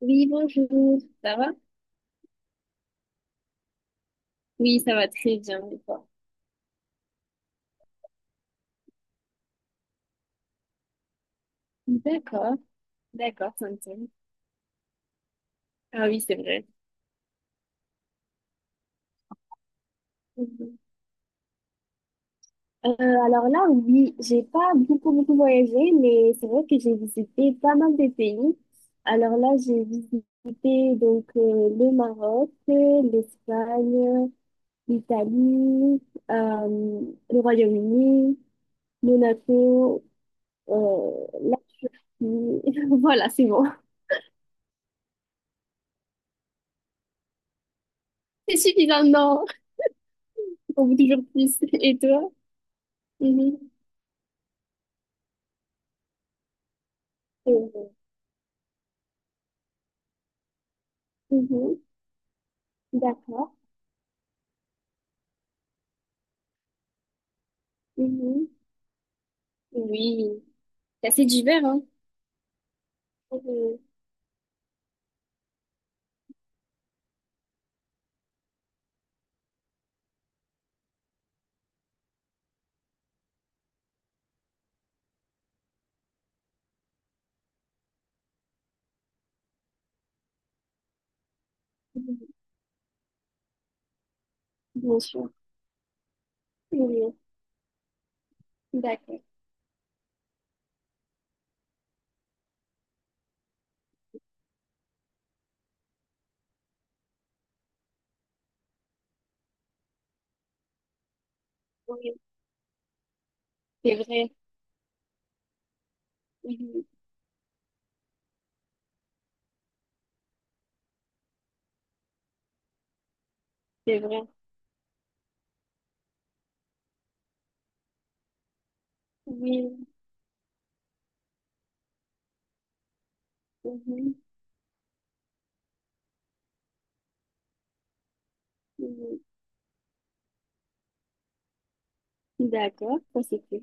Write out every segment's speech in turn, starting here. Oui, bonjour, ça va? Oui, ça va très bien, et toi? D'accord, d'accord, ça me Ah oui, c'est vrai. Mhm. Euh, alors là, oui, j'ai pas beaucoup, beaucoup voyagé, mais c'est vrai que j'ai visité pas mal de pays. Alors là, j'ai visité donc le Maroc, l'Espagne, l'Italie, euh, le Royaume-Uni, Monaco, la Turquie. Voilà, c'est bon. C'est suffisant, non? On veut toujours plus. Et toi? Mhm. C'est vrai. Mhm. D'accord. Mhm. Oui, c'est assez divers, hein? Mhm. Mhm. Bien sûr. Oui. D'accord. Oui, c'est vrai. Mhm. C'est vrai. Oui. Mhm. Mhm. D'accord, ça c'était.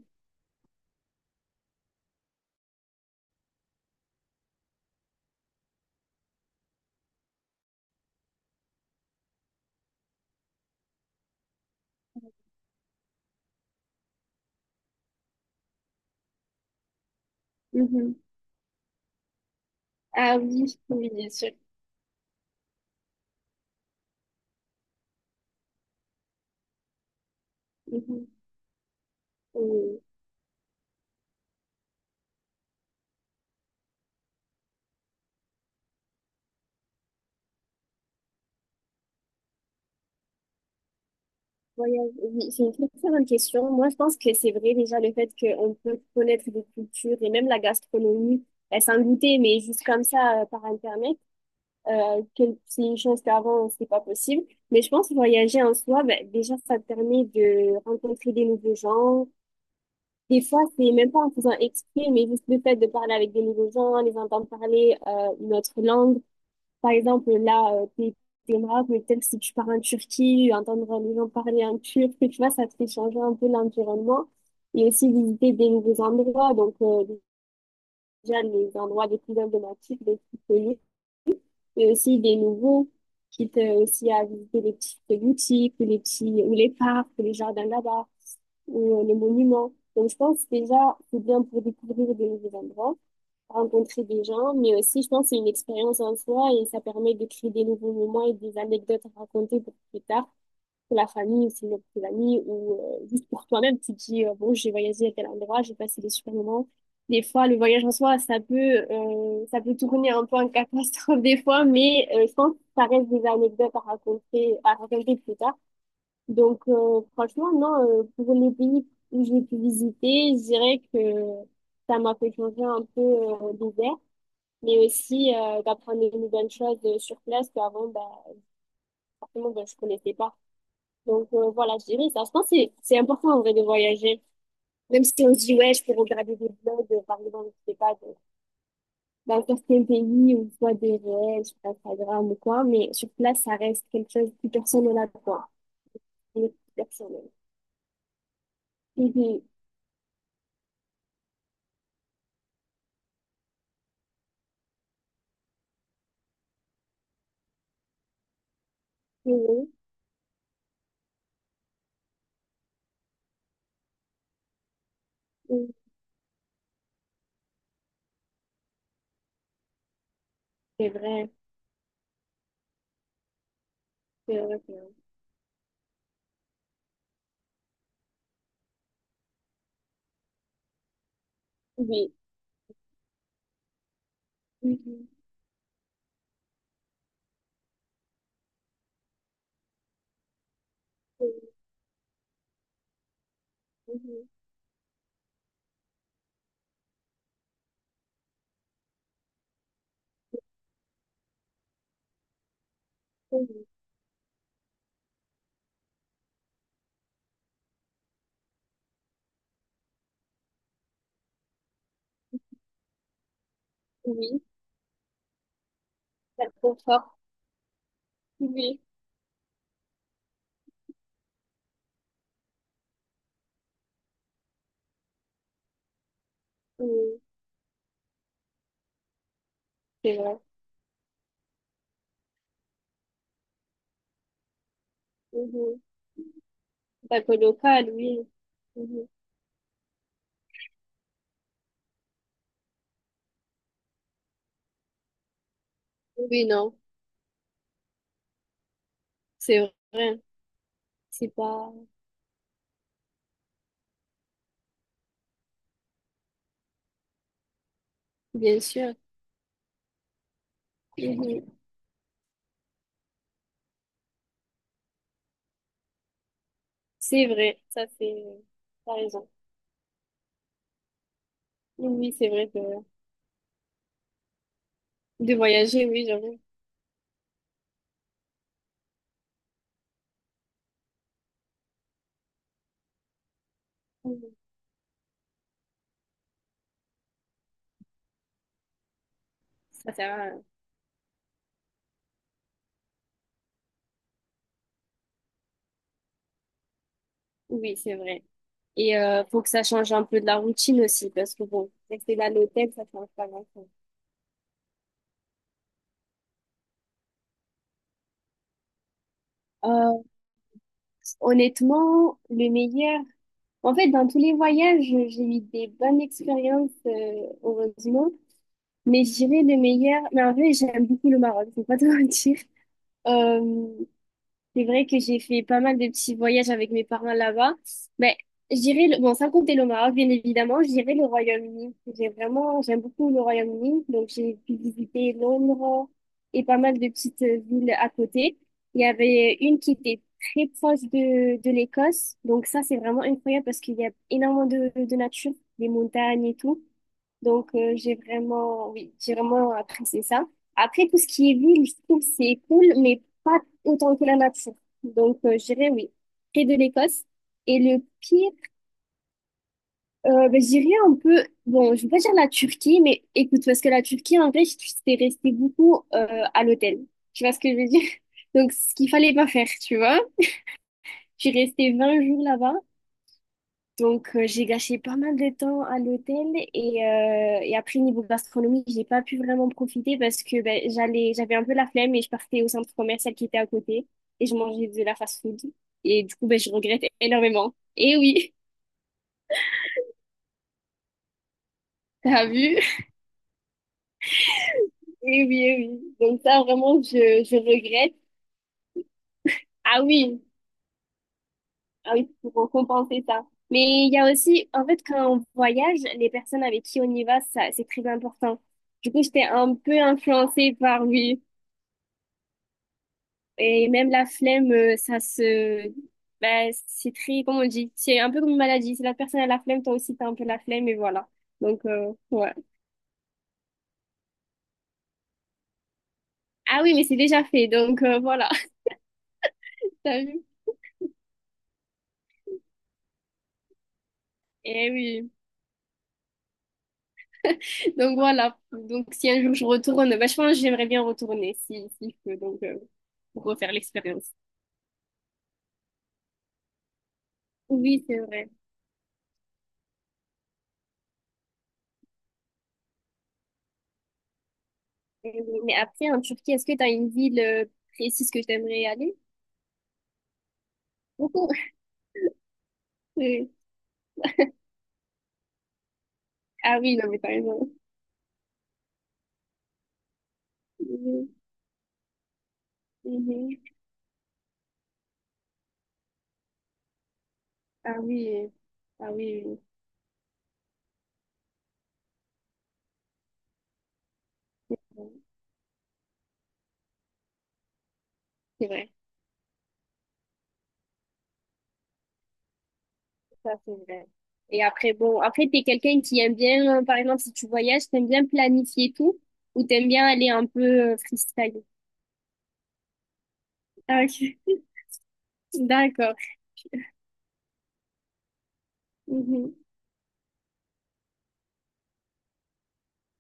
Mhm. Ah oui, oui, bien sûr. Mhm. Oui. Voyage, oui, c'est une très très bonne question. Moi, je pense que c'est vrai déjà le fait qu'on peut connaître des cultures et même la gastronomie, ben, sans goûter, mais juste comme ça, par Internet. Que c'est une chose qu'avant, c'était pas possible. Mais je pense que voyager en soi, ben, déjà, ça te permet de rencontrer des nouveaux gens. Des fois, c'est même pas en faisant exprès, mais juste le fait de parler avec des nouveaux gens, les entendre parler une autre langue. Par exemple, là, t'es au Maroc, mais peut-être si tu pars en Turquie, entendre les gens parler en turc, tu vois, ça te fait changer un peu l'environnement. Et aussi visiter des nouveaux endroits, donc déjà les endroits les plus emblématiques, les plus connus mais aussi des nouveaux, quitte aussi à visiter les petites boutiques ou les petits, ou les parcs, ou les jardins là-bas, ou les monuments. Donc, je pense déjà, c'est bien pour découvrir de nouveaux endroits, rencontrer des gens, mais aussi, je pense, c'est une expérience en soi et ça permet de créer des nouveaux moments et des anecdotes à raconter pour plus tard pour la famille, ou sinon pour tes amis, ou juste pour toi-même, tu te dis, bon, j'ai voyagé à tel endroit, j'ai passé des super moments. Des fois, le voyage en soi, ça peut tourner un peu en catastrophe des fois, mais je pense que ça reste des anecdotes à raconter plus tard. Donc, franchement, non, pour les pays où j'ai pu visiter, je dirais que ça m'a fait changer un peu d'ouvert, mais aussi d'apprendre de nouvelles choses sur place qu'avant, bah, forcément, bah, je connaissais pas. Donc voilà, je dirais ça. Je pense que c'est important en vrai de voyager. Même si on se dit, ouais, je peux regarder des blogs, par exemple, je sais pas, dans certains pays ou soit des réels sur Instagram ou quoi, mais sur place, ça reste quelque chose de plus personnel à toi. C'est plus personnel. Mhm. Mhm. Mhm. C'est vrai, c'est vrai, c'est vrai. Oui. Mhm. Mhm. Mhm. Mhm. Oui, ça te conforte. Oui. Oui. C'est vrai. Mhm. Pas que local, oui. Mhm. Oui, non, c'est vrai. C'est pas. Bien sûr. Mhm. C'est vrai, ça c'est. T'as raison. Oui, c'est vrai que de voyager, oui, j'avoue. Mhm. Ça sert à- Oui, c'est vrai. Et faut que ça change un peu de la routine aussi, parce que bon, rester là à l'hôtel, ça change pas grand-chose. Euh, Honnêtement, le meilleur. En fait, dans tous les voyages, j'ai eu des bonnes expériences, heureusement. Mais je dirais le meilleur. Mais en vrai, j'aime beaucoup le Maroc, faut pas te mentir. Euh, C'est vrai que j'ai fait pas mal de petits voyages avec mes parents là-bas. Mais je dirais, bon, sans compter le Maroc, bien évidemment, je dirais le Royaume-Uni. J'ai vraiment, j'aime beaucoup le Royaume-Uni. Donc, j'ai pu visiter Londres et pas mal de petites villes à côté. Il y avait une qui était très proche de l'Écosse. Donc, ça, c'est vraiment incroyable parce qu'il y a énormément de nature, des montagnes et tout. Donc, j'ai vraiment, oui, j'ai vraiment apprécié ça. Après, tout ce qui est ville, je trouve que c'est cool, mais pas autant que la nature. Donc, je dirais oui, près de l'Écosse. Et le pire, ben, je dirais un peu, bon, je vais pas dire la Turquie, mais écoute, parce que la Turquie, en vrai, j'étais restée beaucoup à l'hôtel. Tu vois ce que je veux dire? Donc, ce qu'il fallait pas faire, tu vois. J'ai resté 20 jours là-bas. Donc, j'ai gâché pas mal de temps à l'hôtel et après, niveau gastronomie, j'ai pas pu vraiment profiter parce que ben, j'allais, j'avais un peu la flemme et je partais au centre commercial qui était à côté et je mangeais de la fast-food. Et du coup, ben, je regrette énormément. Et oui, t'as vu? Et oui, eh oui. Donc ça, vraiment, je regrette. Ah oui, ah oui, pour compenser ça. Mais il y a aussi, en fait, quand on voyage, les personnes avec qui on y va, ça, c'est très important. Du coup, j'étais un peu influencée par lui. Et même la flemme. Ben, c'est très, comment on dit, c'est un peu comme une maladie. Si la personne a la flemme, toi aussi, t'as un peu la flemme, et voilà. Donc, ouais. Ah oui, mais c'est déjà fait, donc voilà, t'as vu? Eh oui. Donc voilà. Donc si un jour je retourne, ben, je pense que j'aimerais bien retourner, si je peux, donc pour refaire l'expérience. Oui, c'est vrai. Eh oui. Mais après, en Turquie, est-ce que t'as une ville précise que t'aimerais aller? Beaucoup. Oui. Ah oui, non, mais t'as raison. Mhm. Mhm. Ah oui, ah oui, oui. Oui. C'est vrai, ça c'est vrai. Et après, bon, après, t'es quelqu'un qui aime bien, par exemple, si tu voyages, t'aimes bien planifier tout ou t'aimes bien aller un peu freestyle? Ah, ok. D'accord. Mhm,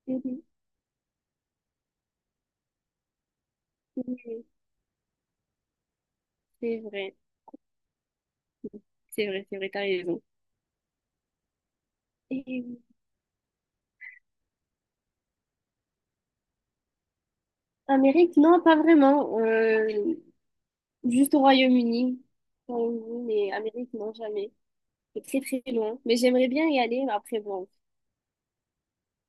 mhm, mhm. C'est vrai, c'est vrai, c'est vrai, t'as raison. Et Amérique, non, pas vraiment. Juste au Royaume-Uni. Royaume-Uni, mais Amérique, non, jamais. C'est très, très loin. Mais j'aimerais bien y aller, mais après, bon.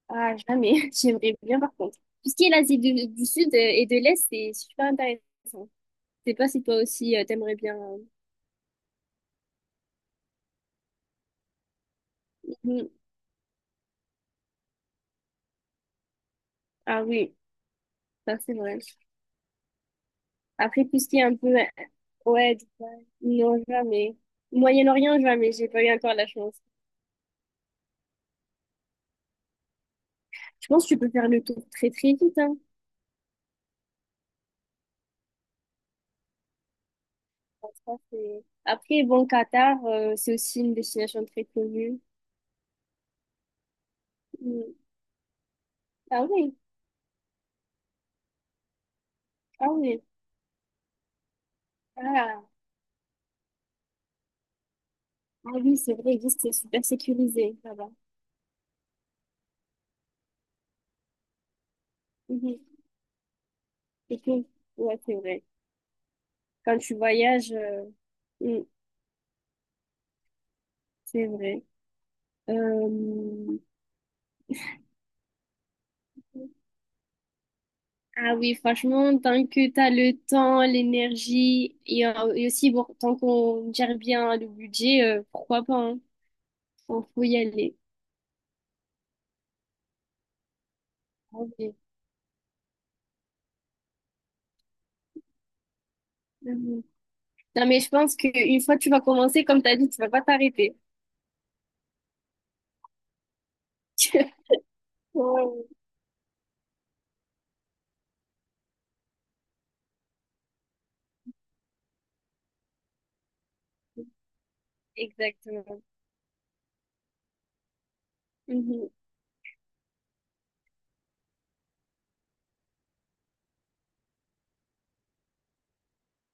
Ah, jamais. J'aimerais bien, par contre. Tout ce qui est l'Asie du Sud et de l'Est, c'est super intéressant. Je sais pas si toi aussi, t'aimerais bien. Mhm. Ah oui, ça c'est vrai. Après, tout ce qui est un peu... ouais, non, jamais. Moyen-Orient, jamais. J'ai pas eu encore la chance. Je pense que tu peux faire le tour très, très vite, hein. Ça. Après, bon, Qatar, c'est aussi une destination très connue. Mm. Ah oui, ah oui. Ah, ah oui, c'est vrai, juste c'est super sécurisé là-bas. Mm-hmm. Et puis, ouais, c'est vrai. Quand tu voyagesmm, c'est vrai. Euh, Ah oui, franchement, tant que tu as le temps, l'énergie et aussi bon, tant qu'on gère bien le budget, pourquoi pas, hein. On faut y aller. En Mhm. Non, mais je pense qu'une fois que tu vas commencer, comme tu as dit, tu vas pas t'arrêter. Ouais, exactement. Mhm.